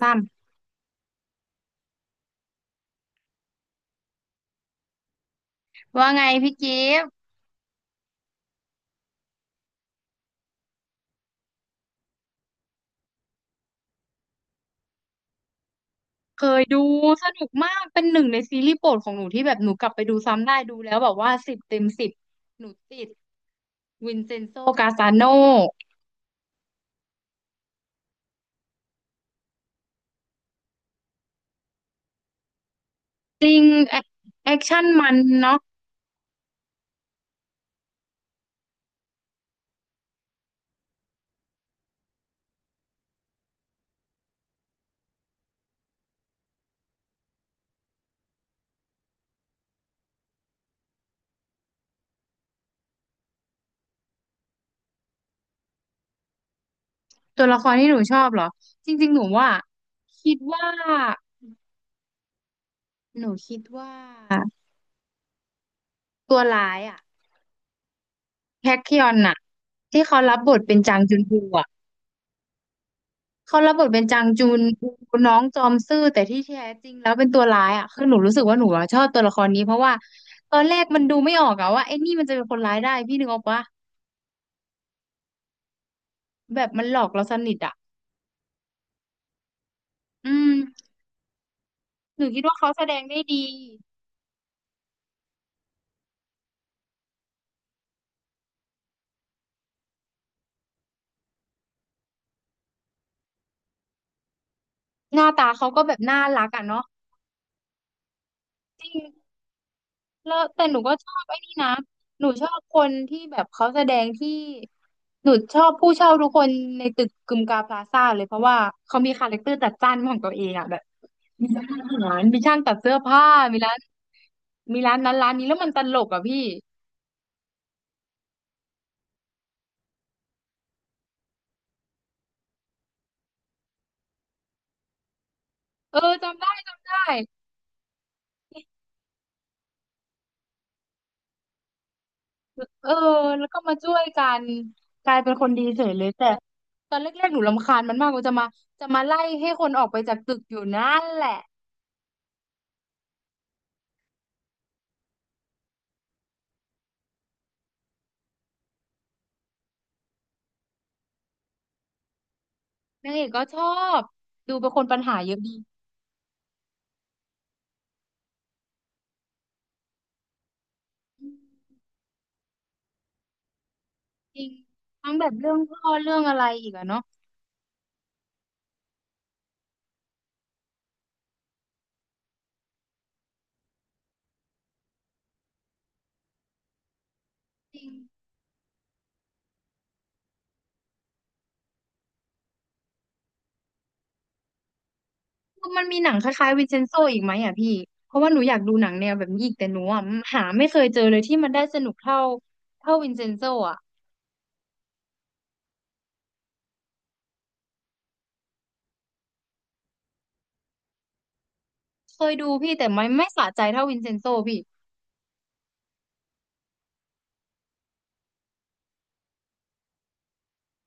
ซ้ำว่าไงพี่กิฟต์เคยดูสนุกมากเป็นหนึ่งในซีรีส์โปรดของหนูที่แบบหนูกลับไปดูซ้ำได้ดูแล้วแบบว่าสิบเต็มสิบหนูติดวินเซนโซกาซาโนจริงแอคแอคชั่นมันเนาะตัวละครที่หนูชอบเหรอจริงๆหนูว่าคิดว่าหนูคิดว่าตัวร้ายอะแพคคิออนอะที่เขารับบทเป็นจางจุนฮูอะ เขารับบทเป็นจางจุนน้องจอมซื่อแต่ที่แท้จริงแล้วเป็นตัวร้ายอ่ะคือหนูรู้สึกว่าหนูอะชอบตัวละครนี้เพราะว่าตอนแรกมันดูไม่ออกอะว่าไอ้นี่มันจะเป็นคนร้ายได้พี่นึกออกปะแบบมันหลอกเราสนิทอ่ะอืมหนูคิดว่าเขาแสดงได้ดีหน้าตาเขาก็แบบน่ารักอ่ะเนาะจริงแล้วแต่หนูก็ชอบไอ้นี่นะหนูชอบคนที่แบบเขาแสดงที่หนูชอบผู้เช่าทุกคนในตึกกึมกาพลาซ่าเลยเพราะว่าเขามีคาแรคเตอร์จัดจ้านของตัวเองอ่ะแบบ มีร้านอาหารมีช่างตัดเสื้อผ้า มีร้านมีร้านนั้นร้านนี้แล้วมันตลกอ่ะพี่ เออจำได้จำได้ เออแล้วก็มาช่วยกันกลายเป็นคนดีเฉยเลยแต่ตอนแรกๆหนูรำคาญมันมากว่าจะมาจะมาไล่ให้คนออกไปจากตึกอยู่นั่นแหละนางเอกก็ชอบดูเป็นคนปัญหาเยอะดีจริงทั้งแบบเรื่องพ่อเรื่องอะไรอีกอะเนาะจริง มันมีหนังคล้ายๆวินเซนโซอีกไหมอ่ะพี่เพราะว่าหนูอยากดูหนังแนวแบบนี้อีกแต่หนูอ่ะหาไม่เคยเจอเลยที่มันได้สนุกเท่าเท่าวินเซนโซอ่ะเคยดูพี่แต่ไม่สะใจเท่าวินเซนโซพี่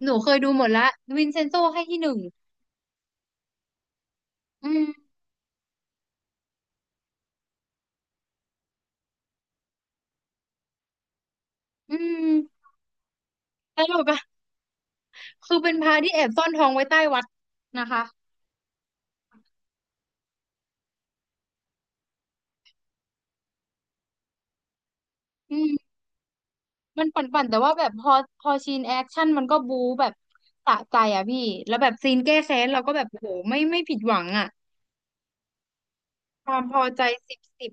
หนูเคยดูหมดละวินเซนโซให้ที่หนึ่งอืมอืมตลกอ่ะคือเป็นพระที่แอบซ่อนทองไว้ใต้วัดนะคะอืมมันปั่นๆแต่ว่าแบบพอพอซีนแอคชั่นมันก็บู๊แบบสะใจอ่ะพี่แล้วแบบซีนแก้แค้นเราก็แบบโอ้โหไม่ผิดหวังอ่ะความพอใจสิบสิบ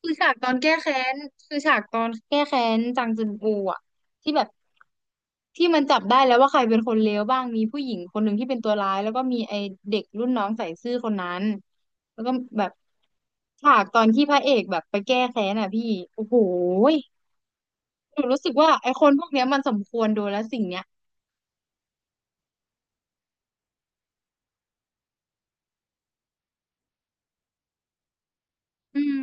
คือฉากตอนแก้แค้นคือฉากตอนแก้แค้นจางจึนอูอ่ะที่แบบที่มันจับได้แล้วว่าใครเป็นคนเลวบ้างมีผู้หญิงคนหนึ่งที่เป็นตัวร้ายแล้วก็มีไอเด็กรุ่นน้องใส่ซื่อคนนั้นแล้วก็แบบฉากตอนที่พระเอกแบบไปแก้แค้นอ่ะพี่โอ้โหยหนูรู้สึกว่าไอคนพวกเนี้ยมันสมควรโดนแล้วสิ่งเนี้ยอืม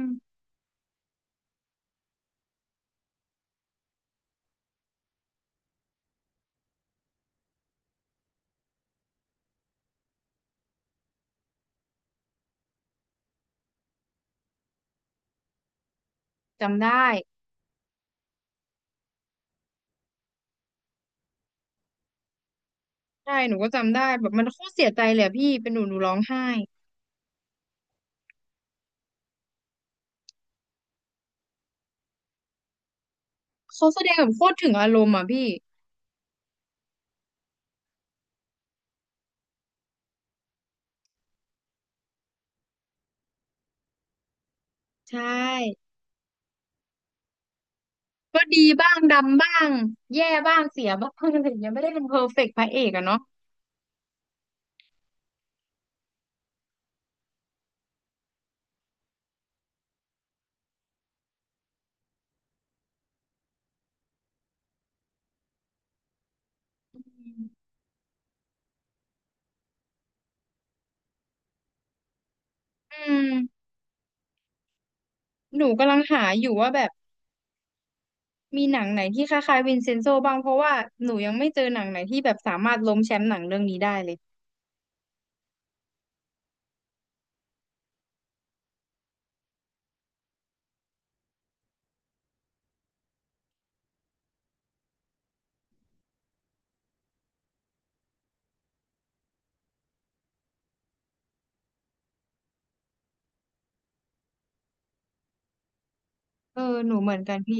จำได้ใช่หนูก็จำได้แบบมันโคตรเสียใจเลยอะพี่เป็นหนูหนูร้องไห้เขาแสดงแบบโคตรถึงอารมณ์อ่ะพี่ใช่ ก็ดีบ้างดำบ้างแย่บ้างเสียบ้างอะไรอย่างเงี้ยไม่ได้เป็นเพอร์เฟกต์พระเอกอะเนาะอืมหนูกำลังหาอยู่ว่าแบบมีหนังไหนที่คล้ายๆวินเซนโซบ้างเพราะว่าหนูยังไม่เจอหนังไหนที่แบบสามารถล้มแชมป์หนังเรื่องนี้ได้เลยเออหนูเหมือนกันพี่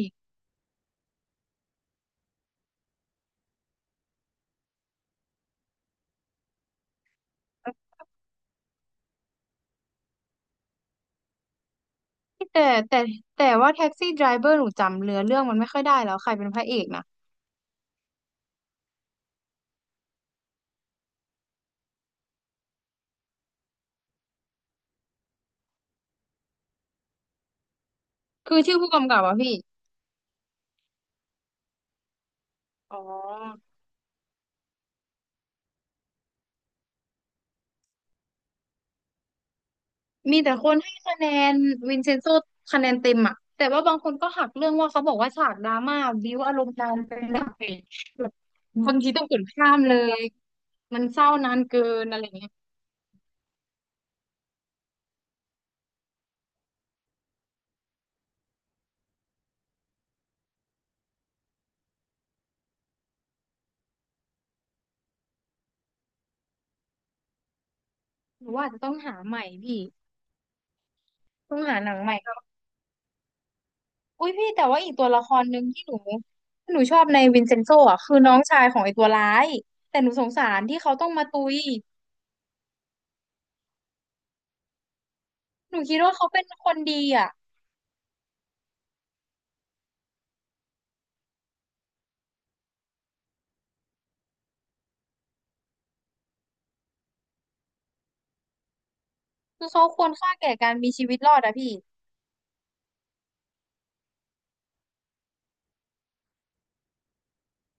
แต่แต่แต่ว่าแท็กซี่ไดรเวอร์หนูจำเนื้อเรื่องมันไม่ค่อยได้แล้วใครเป็นพระเอกนะคือชื่อผู้กำกับอะพี่อ๋อ มีแต่คนให้คะแนนวินเซนโซคะแนนเต็มอะแต่ว่าบางคนก็หักเรื่องว่าเขาบอกว่าฉากดราม่าบิ้วอารมณ์นานไปหน่อยแบบบางทีต้องกดข้ามเลยมันเศร้านานเกินอะไรเงี้ยหนูว่าอาจจะต้องหาใหม่พี่ต้องหาหนังใหม่ครับอุ้ยพี่แต่ว่าอีกตัวละครหนึ่งที่หนูที่หนูชอบในวินเซนโซอ่ะคือน้องชายของไอ้ตัวร้ายแต่หนูสงสารที่เขาต้องมาตุยหนูคิดว่าเขาเป็นคนดีอ่ะคือเขาควรค่าแก่การมีชีวิตรอดอะพี่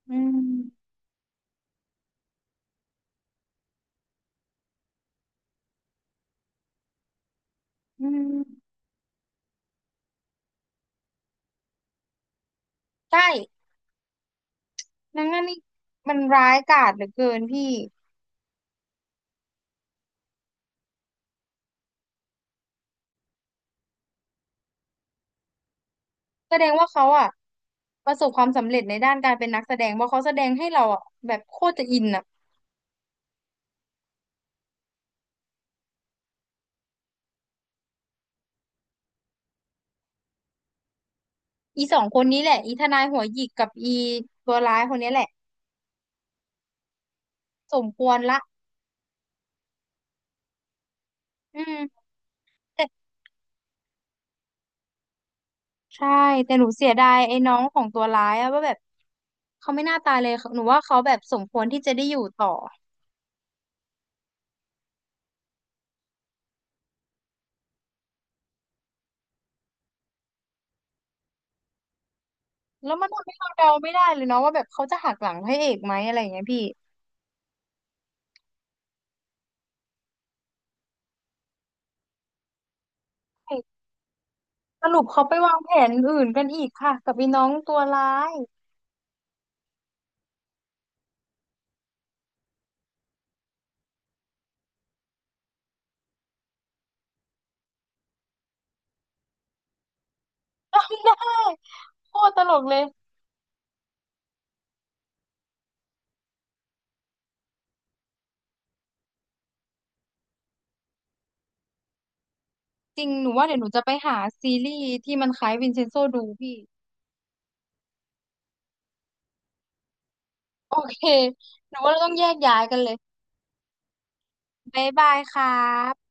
อืมอืมใช่ นางนั่นนี่มันร้ายกาจเหลือเกินพี่แสดงว่าเขาอ่ะประสบความสำเร็จในด้านการเป็นนักแสดงเพราะเขาแสดงให้เราอ่ะแบบโคตรจะอินอ่ะอีสองคนนี้แหละอีทนายหัวหยิกกับอีตัวร้ายคนนี้แหละสมควรละอืมแต่ใช่แต่หนูเสียดายไอ้น้องของตัวร้ายอะว่าแบบเขาไม่น่าตายเลยหนูว่าเขาแบบสมควรที่จะได้อยู่ต่อแล้วมันทำให้เราเดาไม่ได้เลยเนาะว่าแบบเขาจะหักหลังพระเอกไหมอะไรอย่างเงี้ยพี่ สรุปเขาไปวางแผนอื่นกันอีกค่ะกับอีน้องตัวร้าย จำได้โคตรตลกเลยจริงหนูว่าเดี๋ยวหนูจะไปหาซีรีส์ที่มันคล้ายวินเชนโซดูพี่โอเคหนูว่าเราต้องแยกย้ายกันเลยบ๊ายบายค่ะ